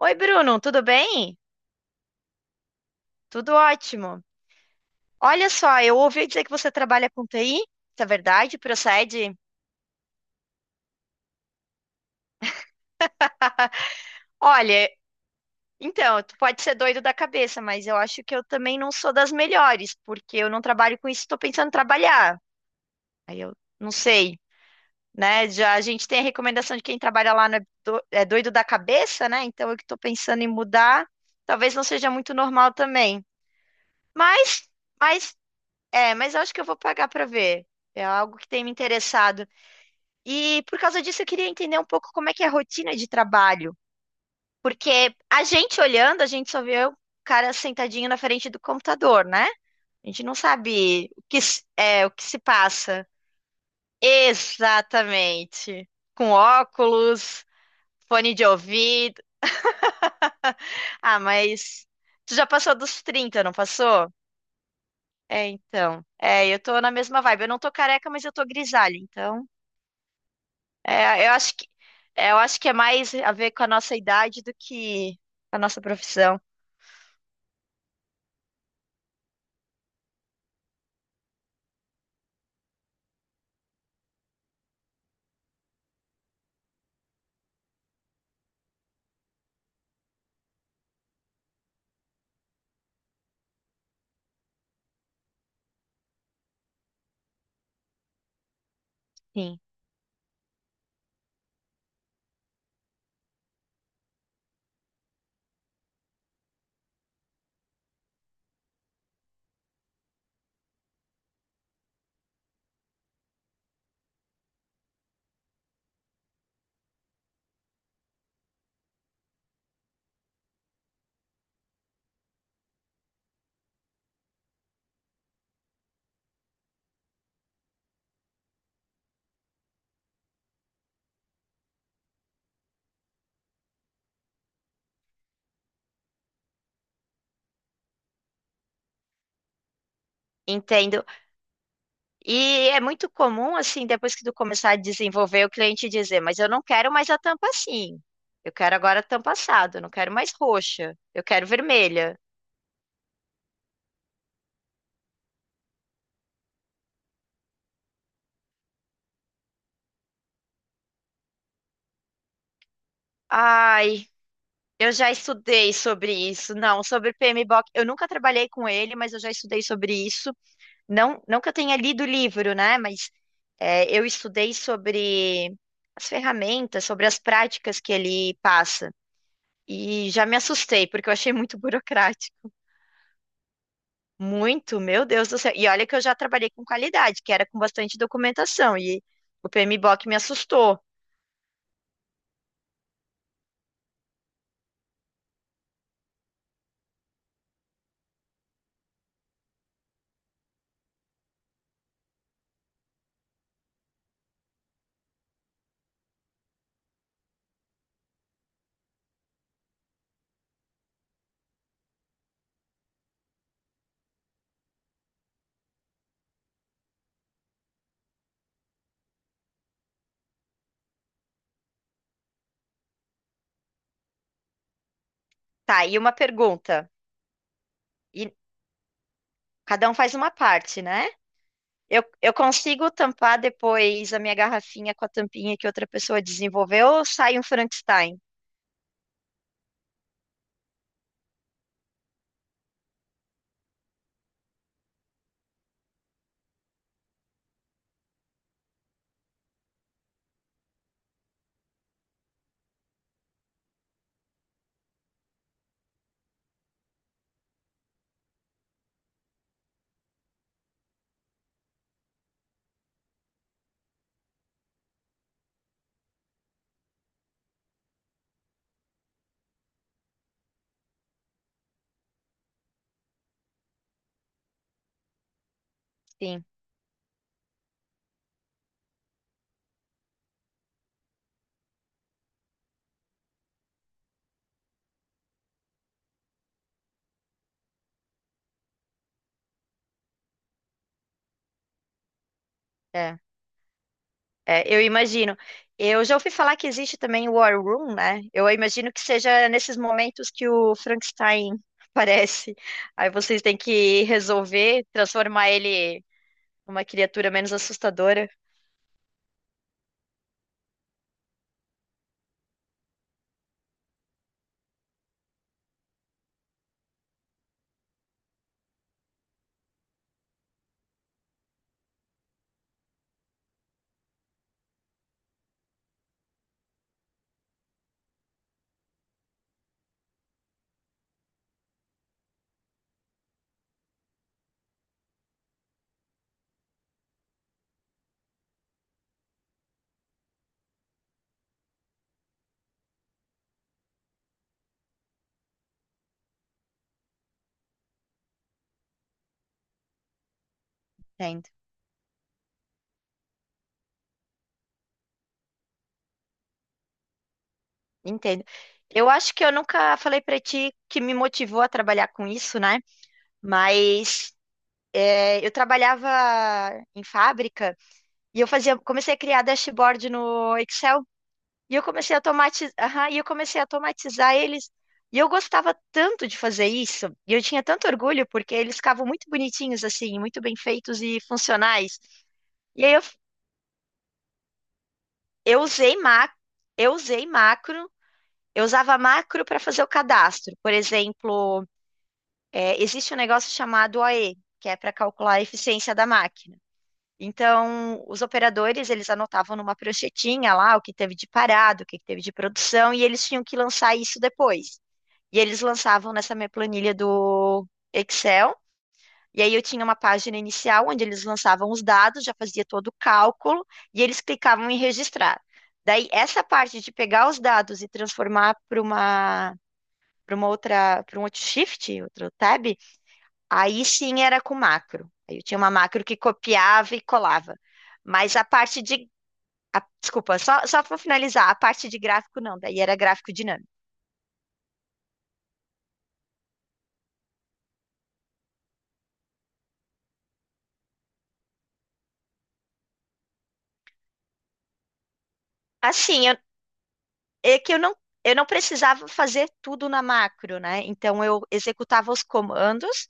Oi, Bruno, tudo bem? Tudo ótimo. Olha só, eu ouvi dizer que você trabalha com TI. Isso é verdade? Procede? Olha, então, tu pode ser doido da cabeça, mas eu acho que eu também não sou das melhores, porque eu não trabalho com isso, estou pensando em trabalhar. Aí eu não sei, né? Já a gente tem a recomendação de quem trabalha lá não é é doido da cabeça, né? Então, eu que estou pensando em mudar, talvez não seja muito normal também. Mas, mas, mas eu acho que eu vou pagar para ver. É algo que tem me interessado. E por causa disso eu queria entender um pouco como é que é a rotina de trabalho, porque a gente olhando, a gente só vê o cara sentadinho na frente do computador, né? A gente não sabe o que se passa exatamente. Com óculos, fone de ouvido. Ah, mas tu já passou dos 30, não passou? É, então. É, eu tô na mesma vibe. Eu não tô careca, mas eu tô grisalha, então. É, eu acho que é mais a ver com a nossa idade do que a nossa profissão. Sim. Entendo. E é muito comum, assim, depois que tu começar a desenvolver, o cliente dizer, mas eu não quero mais a tampa assim. Eu quero agora a tampa assada, eu não quero mais roxa, eu quero vermelha. Ai, eu já estudei sobre isso. Não, sobre P M B o PMBOK. Eu nunca trabalhei com ele, mas eu já estudei sobre isso. Não, não que eu tenha lido o livro, né? Mas eu estudei sobre as ferramentas, sobre as práticas que ele passa. E já me assustei, porque eu achei muito burocrático. Muito, meu Deus do céu. E olha que eu já trabalhei com qualidade, que era com bastante documentação. E o PMBOK me assustou. Tá, e uma pergunta. E cada um faz uma parte, né? Eu consigo tampar depois a minha garrafinha com a tampinha que outra pessoa desenvolveu ou sai um Frankenstein? Sim. é É, eu imagino. Eu já ouvi falar que existe também o War Room, né? Eu imagino que seja nesses momentos que o Frankenstein aparece. Aí vocês têm que resolver transformar ele numa criatura menos assustadora. Entendo, entendo. Eu acho que eu nunca falei pra ti que me motivou a trabalhar com isso, né? Mas eu trabalhava em fábrica e comecei a criar dashboard no Excel. E eu comecei a tomatiz... e eu comecei a tomatizar eles. E eu gostava tanto de fazer isso, e eu tinha tanto orgulho, porque eles ficavam muito bonitinhos assim, muito bem feitos e funcionais. E aí eu usei ma... eu usei macro, eu usava macro para fazer o cadastro. Por exemplo, existe um negócio chamado OE, que é para calcular a eficiência da máquina. Então, os operadores, eles anotavam numa pranchetinha lá o que teve de parado, o que teve de produção, e eles tinham que lançar isso depois. E eles lançavam nessa minha planilha do Excel. E aí eu tinha uma página inicial onde eles lançavam os dados, já fazia todo o cálculo e eles clicavam em registrar. Daí essa parte de pegar os dados e transformar para uma outra, para um outro shift, outro tab, aí sim era com macro. Aí eu tinha uma macro que copiava e colava. Mas a parte de desculpa, só para finalizar, a parte de gráfico não, daí era gráfico dinâmico. Assim, eu é que eu não precisava fazer tudo na macro, né? Então eu executava os comandos,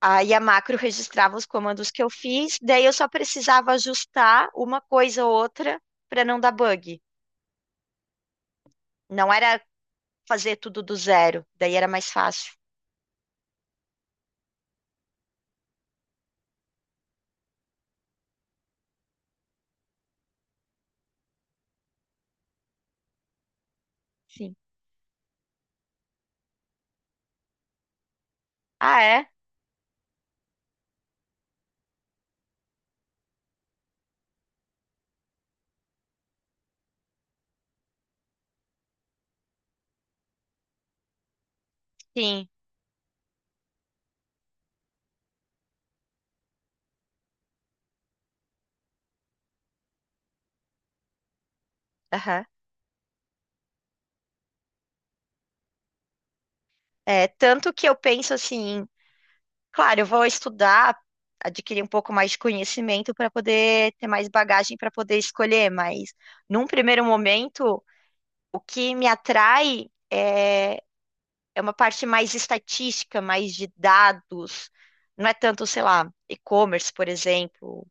aí a macro registrava os comandos que eu fiz, daí eu só precisava ajustar uma coisa ou outra para não dar bug. Não era fazer tudo do zero, daí era mais fácil. Sim. Ah, é? Sim. Aham. É, tanto que eu penso assim, claro, eu vou estudar, adquirir um pouco mais de conhecimento para poder ter mais bagagem para poder escolher, mas num primeiro momento. O que me atrai é uma parte mais estatística, mais de dados. Não é tanto, sei lá, e-commerce, por exemplo,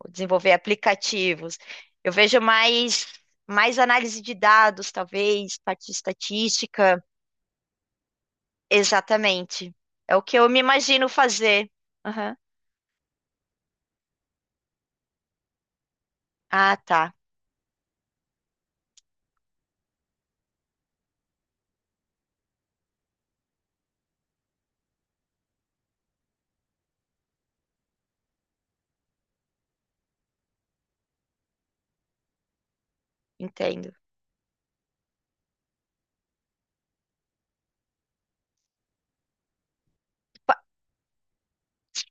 ou desenvolver aplicativos. Eu vejo mais análise de dados, talvez, parte de estatística. Exatamente. É o que eu me imagino fazer. Aham. Ah, tá. Entendo. Pa-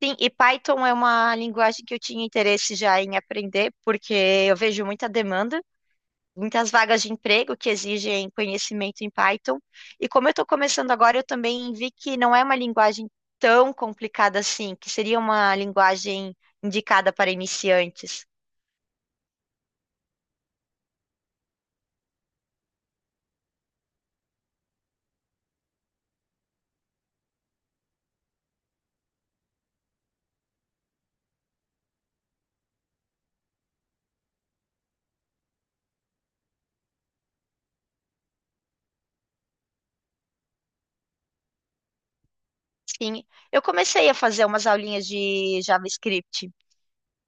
Sim, e Python é uma linguagem que eu tinha interesse já em aprender, porque eu vejo muita demanda, muitas vagas de emprego que exigem conhecimento em Python. E como eu estou começando agora, eu também vi que não é uma linguagem tão complicada assim, que seria uma linguagem indicada para iniciantes. Sim, eu comecei a fazer umas aulinhas de JavaScript,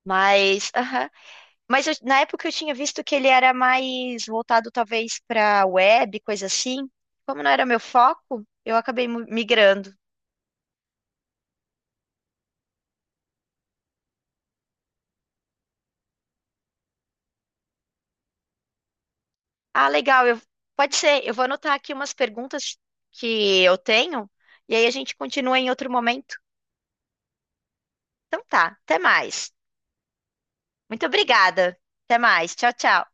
mas, aham. Mas na época eu tinha visto que ele era mais voltado talvez para web, coisa assim. Como não era meu foco, eu acabei migrando. Ah, legal. Pode ser. Eu vou anotar aqui umas perguntas que eu tenho e aí a gente continua em outro momento. Então tá. Até mais. Muito obrigada. Até mais. Tchau, tchau.